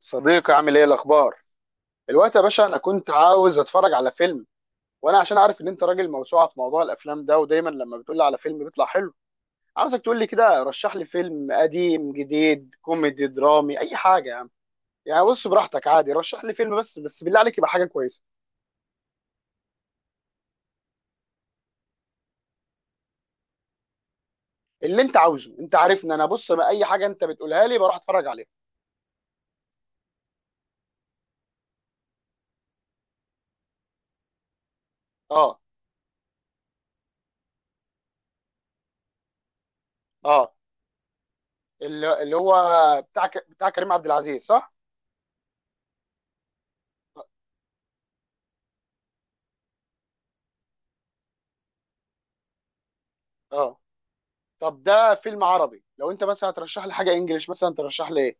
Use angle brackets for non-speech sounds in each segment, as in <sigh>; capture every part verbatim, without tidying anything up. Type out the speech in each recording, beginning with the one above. صديقي عامل ايه الاخبار الوقت يا باشا؟ انا كنت عاوز اتفرج على فيلم، وانا عشان عارف ان انت راجل موسوعه في موضوع الافلام ده، ودايما لما بتقول لي على فيلم بيطلع حلو. عاوزك تقول لي كده، رشح لي فيلم قديم، جديد، كوميدي، درامي، اي حاجه يا عم. يعني بص براحتك، عادي، رشح لي فيلم، بس بس بالله عليك يبقى حاجه كويسه. اللي انت عاوزه، انت عارفني انا، بص بقى اي حاجه انت بتقولها لي بروح اتفرج عليها. اه. اه. اللي اللي هو بتاع ك- بتاع كريم عبد العزيز، صح؟ اه. آه. طب ده فيلم عربي، لو انت مثلا هترشح لي حاجه انجليش مثلا ترشح لي ايه؟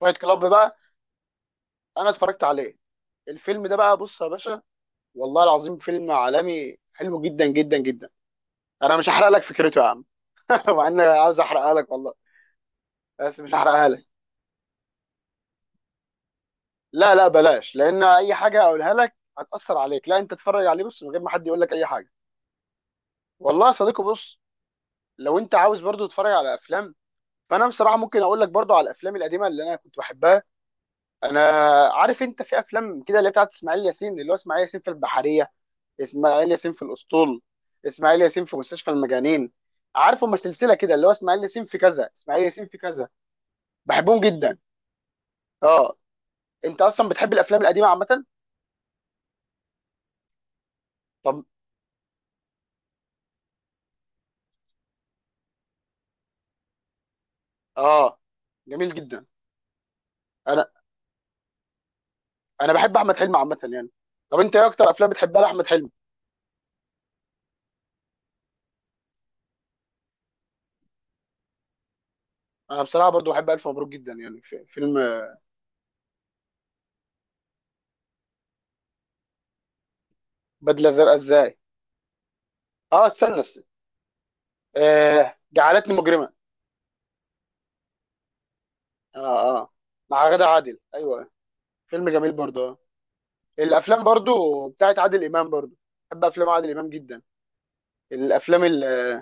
فايت كلاب بقى؟ انا اتفرجت عليه. الفيلم ده بقى بص يا باشا، والله العظيم فيلم عالمي حلو جدا جدا جدا. انا مش هحرق لك فكرته يا عم. <laughs> مع ان أنا عايز احرقها لك والله. بس مش هحرقها لك. لا لا، بلاش، لان اي حاجه اقولها لك هتاثر عليك. لا انت اتفرج عليه بص من غير ما حد يقول لك اي حاجه. والله يا صديقي بص، لو انت عاوز برضو تتفرج على افلام، فانا بصراحه ممكن اقول لك برضو على الافلام القديمه اللي انا كنت بحبها انا. عارف انت في افلام كده اللي هي بتاعت اسماعيل ياسين، اللي هو اسماعيل ياسين في البحريه، اسماعيل ياسين في الاسطول، اسماعيل ياسين في مستشفى المجانين. عارف هم سلسله كده اللي هو اسماعيل ياسين في كذا، اسماعيل ياسين في كذا. بحبهم جدا. اه. انت اصلا بتحب الافلام القديمه عامه؟ طب. اه، جميل جدا. انا انا بحب احمد حلمي عامه يعني طب انت ايه اكتر افلام بتحبها لاحمد حلمي؟ انا بصراحه برضو بحب الف مبروك جدا، يعني في فيلم. بدله زرقاء ازاي؟ اه، استنى استنى. آه، جعلتني مجرما. اه اه، مع غادة عادل، ايوه. فيلم جميل برضو. الافلام برضو بتاعت عادل امام برضو، بحب افلام عادل امام جدا. الافلام ال-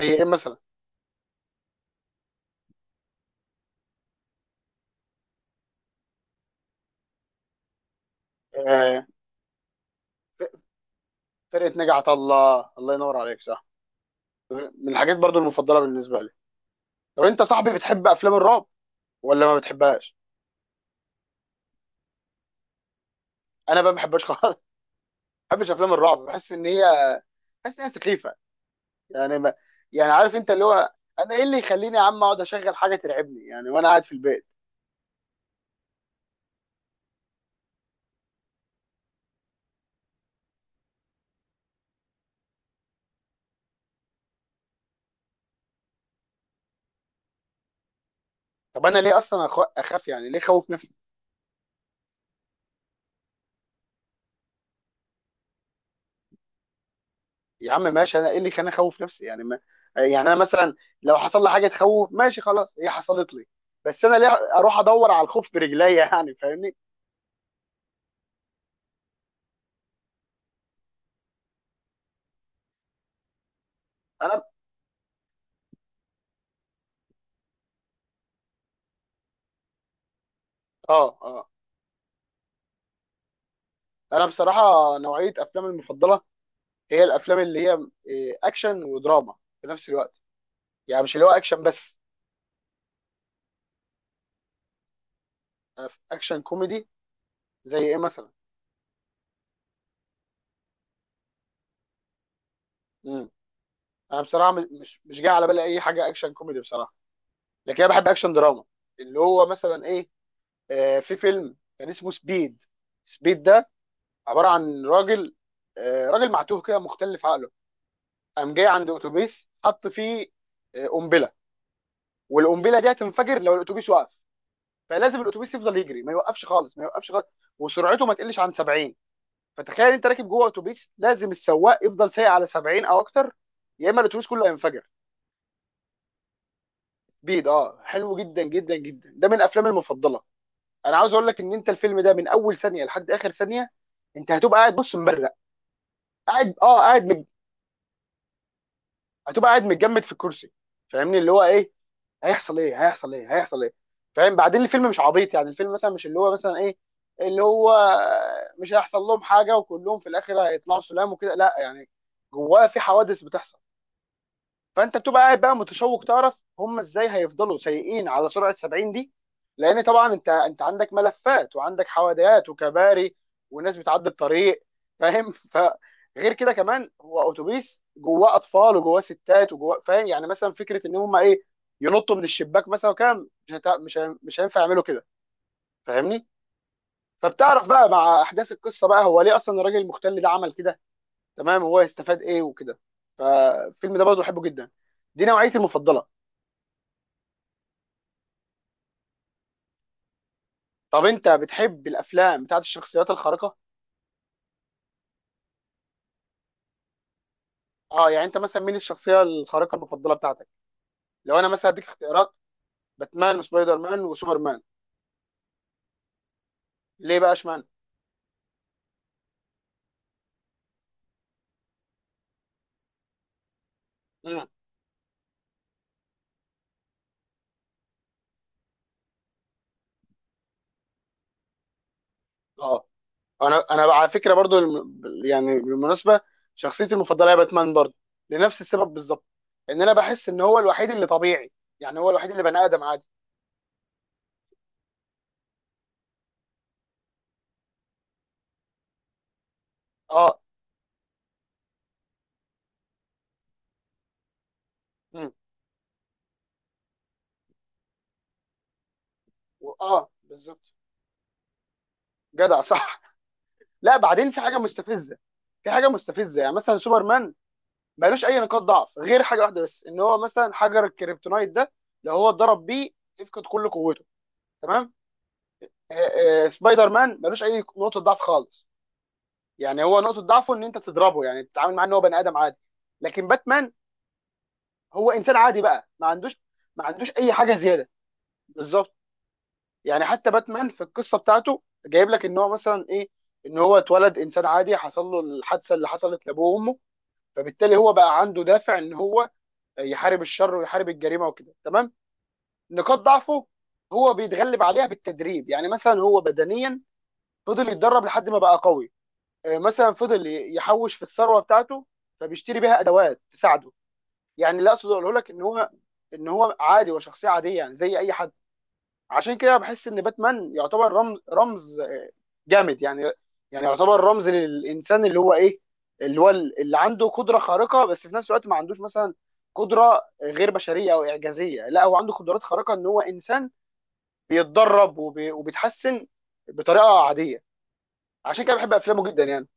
زي ايه مثلا؟ آه، فرقه نجا الله، الله ينور عليك، صح. من الحاجات برضو المفضله بالنسبه لي. لو انت صاحبي، بتحب افلام الرعب ولا ما بتحبهاش؟ انا بقى ما بحبهاش خالص، ما بحبش افلام الرعب، بحس ان هي بحس ان هي سخيفه. يعني ما... يعني عارف انت اللي هو انا ايه اللي يخليني يا عم اقعد اشغل حاجه ترعبني يعني وانا قاعد في البيت. طب انا ليه اصلا أخ... اخاف؟ يعني ليه خوف نفسي؟ يا عم ماشي، انا ايه اللي كان اخوف نفسي؟ يعني ما يعني انا مثلا لو حصل لي حاجه تخوف، ماشي خلاص، هي حصلت لي، بس انا ليه اروح ادور على الخوف برجليا؟ <laughs> يعني فاهمني. انا. اه اه. انا بصراحه نوعيه افلامي المفضله هي الافلام اللي هي إيه، اكشن ودراما في نفس الوقت، يعني مش اللي هو اكشن بس. اكشن كوميدي زي ايه مثلا؟ امم. انا بصراحه م- مش مش جاي على بالي اي حاجه اكشن كوميدي بصراحه، لكن انا بحب اكشن دراما اللي هو مثلا ايه؟ آه، في فيلم كان اسمه سبيد. سبيد ده عباره عن راجل، آه، راجل معتوه كده مختل في عقله، قام جاي عند اتوبيس حط فيه، آه، قنبله، والقنبله دي هتنفجر لو الاتوبيس وقف. فلازم الاتوبيس يفضل يجري، ما يوقفش خالص، ما يوقفش خالص، وسرعته ما تقلش عن سبعين. فتخيل انت راكب جوه اتوبيس لازم السواق يفضل سايق على سبعين او اكتر، يا اما الاتوبيس كله هينفجر. بيض، اه، حلو جدا جدا جدا، ده من افلامي المفضله. انا عاوز اقول لك ان انت الفيلم ده من اول ثانيه لحد اخر ثانيه، انت هتبقى قاعد بص مبرق، قاعد، اه، قاعد، هتبقى قاعد متجمد في الكرسي. فاهمني اللي هو ايه هيحصل، ايه هيحصل، ايه هيحصل. ايه فاهم؟ بعدين الفيلم مش عبيط، يعني الفيلم مثلا مش اللي هو مثلا ايه، اللي هو مش هيحصل لهم حاجه وكلهم في الاخر هيطلعوا سلام وكده، لا يعني. جواه في حوادث بتحصل، فانت بتبقى قاعد بقى متشوق تعرف هم ازاي هيفضلوا سايقين على سرعه سبعين دي، لان طبعا انت انت عندك ملفات وعندك حواديات وكباري وناس بتعدي الطريق، فاهم؟ <laughs> فغير كده كمان هو اتوبيس جواه اطفال وجواه ستات وجواه، فاهم يعني مثلا فكره ان هم ايه ينطوا من الشباك مثلا، وكام مش هتع... مش ه... مش هينفع يعملوا كده، فاهمني؟ فبتعرف بقى مع احداث القصه بقى هو ليه اصلا الراجل المختل ده عمل كده، تمام، هو يستفاد ايه وكده. فالفيلم ده برضه بحبه جدا، دي نوعيتي المفضله. طب انت بتحب الافلام بتاعت الشخصيات الخارقه؟ اه، يعني انت مثلا مين الشخصيه الخارقه المفضله بتاعتك؟ لو انا مثلا اديك اختيارات، باتمان وسبايدر مان وسوبر مان. ليه بقى، اشمعنى؟ مم. اه، انا انا على فكره برضو الم- يعني بالمناسبه شخصيتي المفضله هي باتمان برضو، لنفس السبب بالظبط، ان انا بحس ان هو الوحيد اللي طبيعي، يعني هو الوحيد اللي بني ادم عادي. اه. مم. و- اه، بالظبط. جدع، صح. لا بعدين في حاجه مستفزه. في حاجه مستفزه، يعني مثلا سوبر مان مالوش اي نقاط ضعف غير حاجه واحده بس، ان هو مثلا حجر الكريبتونايت ده لو هو اتضرب بيه يفقد كل قوته، تمام. آه، آه، سبايدر مان مالوش اي نقطه ضعف خالص، يعني هو نقطه ضعفه ان انت تضربه، يعني تتعامل معاه ان هو بني ادم عادي. لكن باتمان هو انسان عادي بقى، ما عندوش، ما عندوش اي حاجه زياده، بالظبط. يعني حتى باتمان في القصه بتاعته جايب لك ان هو مثلا ايه، ان هو اتولد انسان عادي، حصل له الحادثه اللي حصلت لابوه وامه، فبالتالي هو بقى عنده دافع ان هو يحارب الشر ويحارب الجريمه وكده، تمام. نقاط ضعفه هو بيتغلب عليها بالتدريب، يعني مثلا هو بدنيا فضل يتدرب لحد ما بقى قوي. آه، مثلا فضل ي- يحوش في الثروه بتاعته فبيشتري بيها ادوات تساعده. يعني اللي اقصد اقوله لك ان هو ان هو عادي، هو شخصيه عاديه يعني زي اي حد. عشان كده بحس ان باتمان يعتبر رمز رمز جامد يعني، يعني يعتبر رمز للانسان اللي هو ايه، اللي هو اللي عنده قدره خارقه بس في نفس الوقت ما عندوش مثلا قدره غير بشريه او اعجازيه. لا، هو عنده قدرات خارقه ان هو انسان بيتدرب وب- وبيتحسن بطريقه عاديه. عشان كده بحب افلامه جدا يعني.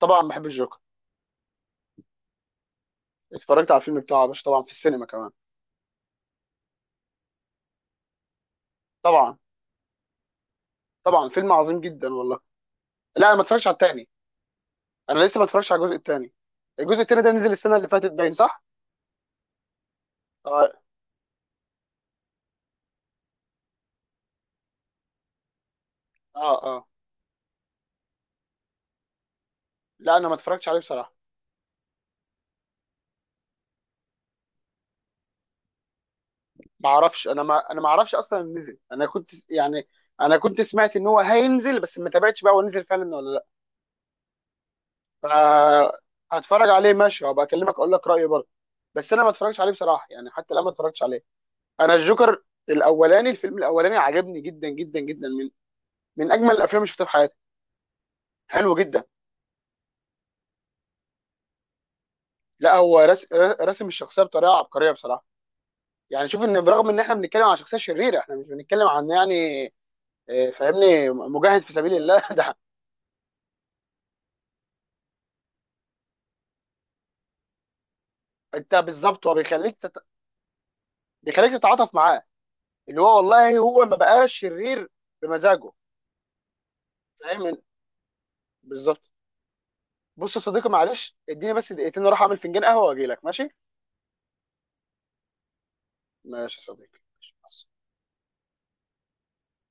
طبعا بحب الجوكر. اتفرجت على الفيلم بتاعه يا باشا، طبعا، في السينما كمان. طبعا. طبعا فيلم عظيم جدا والله. لا انا ما اتفرجتش على التاني. انا لسه ما اتفرجتش على الجزء التاني. الجزء التاني ده نزل السنه اللي فاتت، باين، صح؟ اه. اه. اه. لا انا ما اتفرجتش عليه بصراحه. ما اعرفش، انا ما انا ما اعرفش اصلا إنه نزل، انا كنت يعني، انا كنت سمعت ان هو هينزل بس ما تابعتش بقى هو نزل فعلا ولا لا. فا هتفرج عليه ماشي وابقى اكلمك اقول لك رايي برضه. بس انا ما اتفرجتش عليه بصراحه، يعني حتى الان ما اتفرجتش عليه. انا الجوكر الاولاني، الفيلم الاولاني عجبني جدا جدا جدا، من من اجمل الافلام اللي شفتها في حياتي. حلو جدا. لا هو رس- رسم الشخصيه بطريقه عبقريه بصراحه. يعني شوف ان برغم ان احنا بنتكلم عن شخصيه شريره، احنا مش بنتكلم عن يعني، آه، فاهمني، مجاهد في سبيل الله <laughs> ده. انت بالظبط هو بيخليك تت... بيخليك تتعاطف معاه، اللي هو والله هو ما بقاش شرير بمزاجه، فاهم؟ بالظبط. بص يا صديقي معلش اديني بس دقيقتين اروح اعمل فنجان قهوه واجي لك، ماشي؟ ماشي يا صديقي.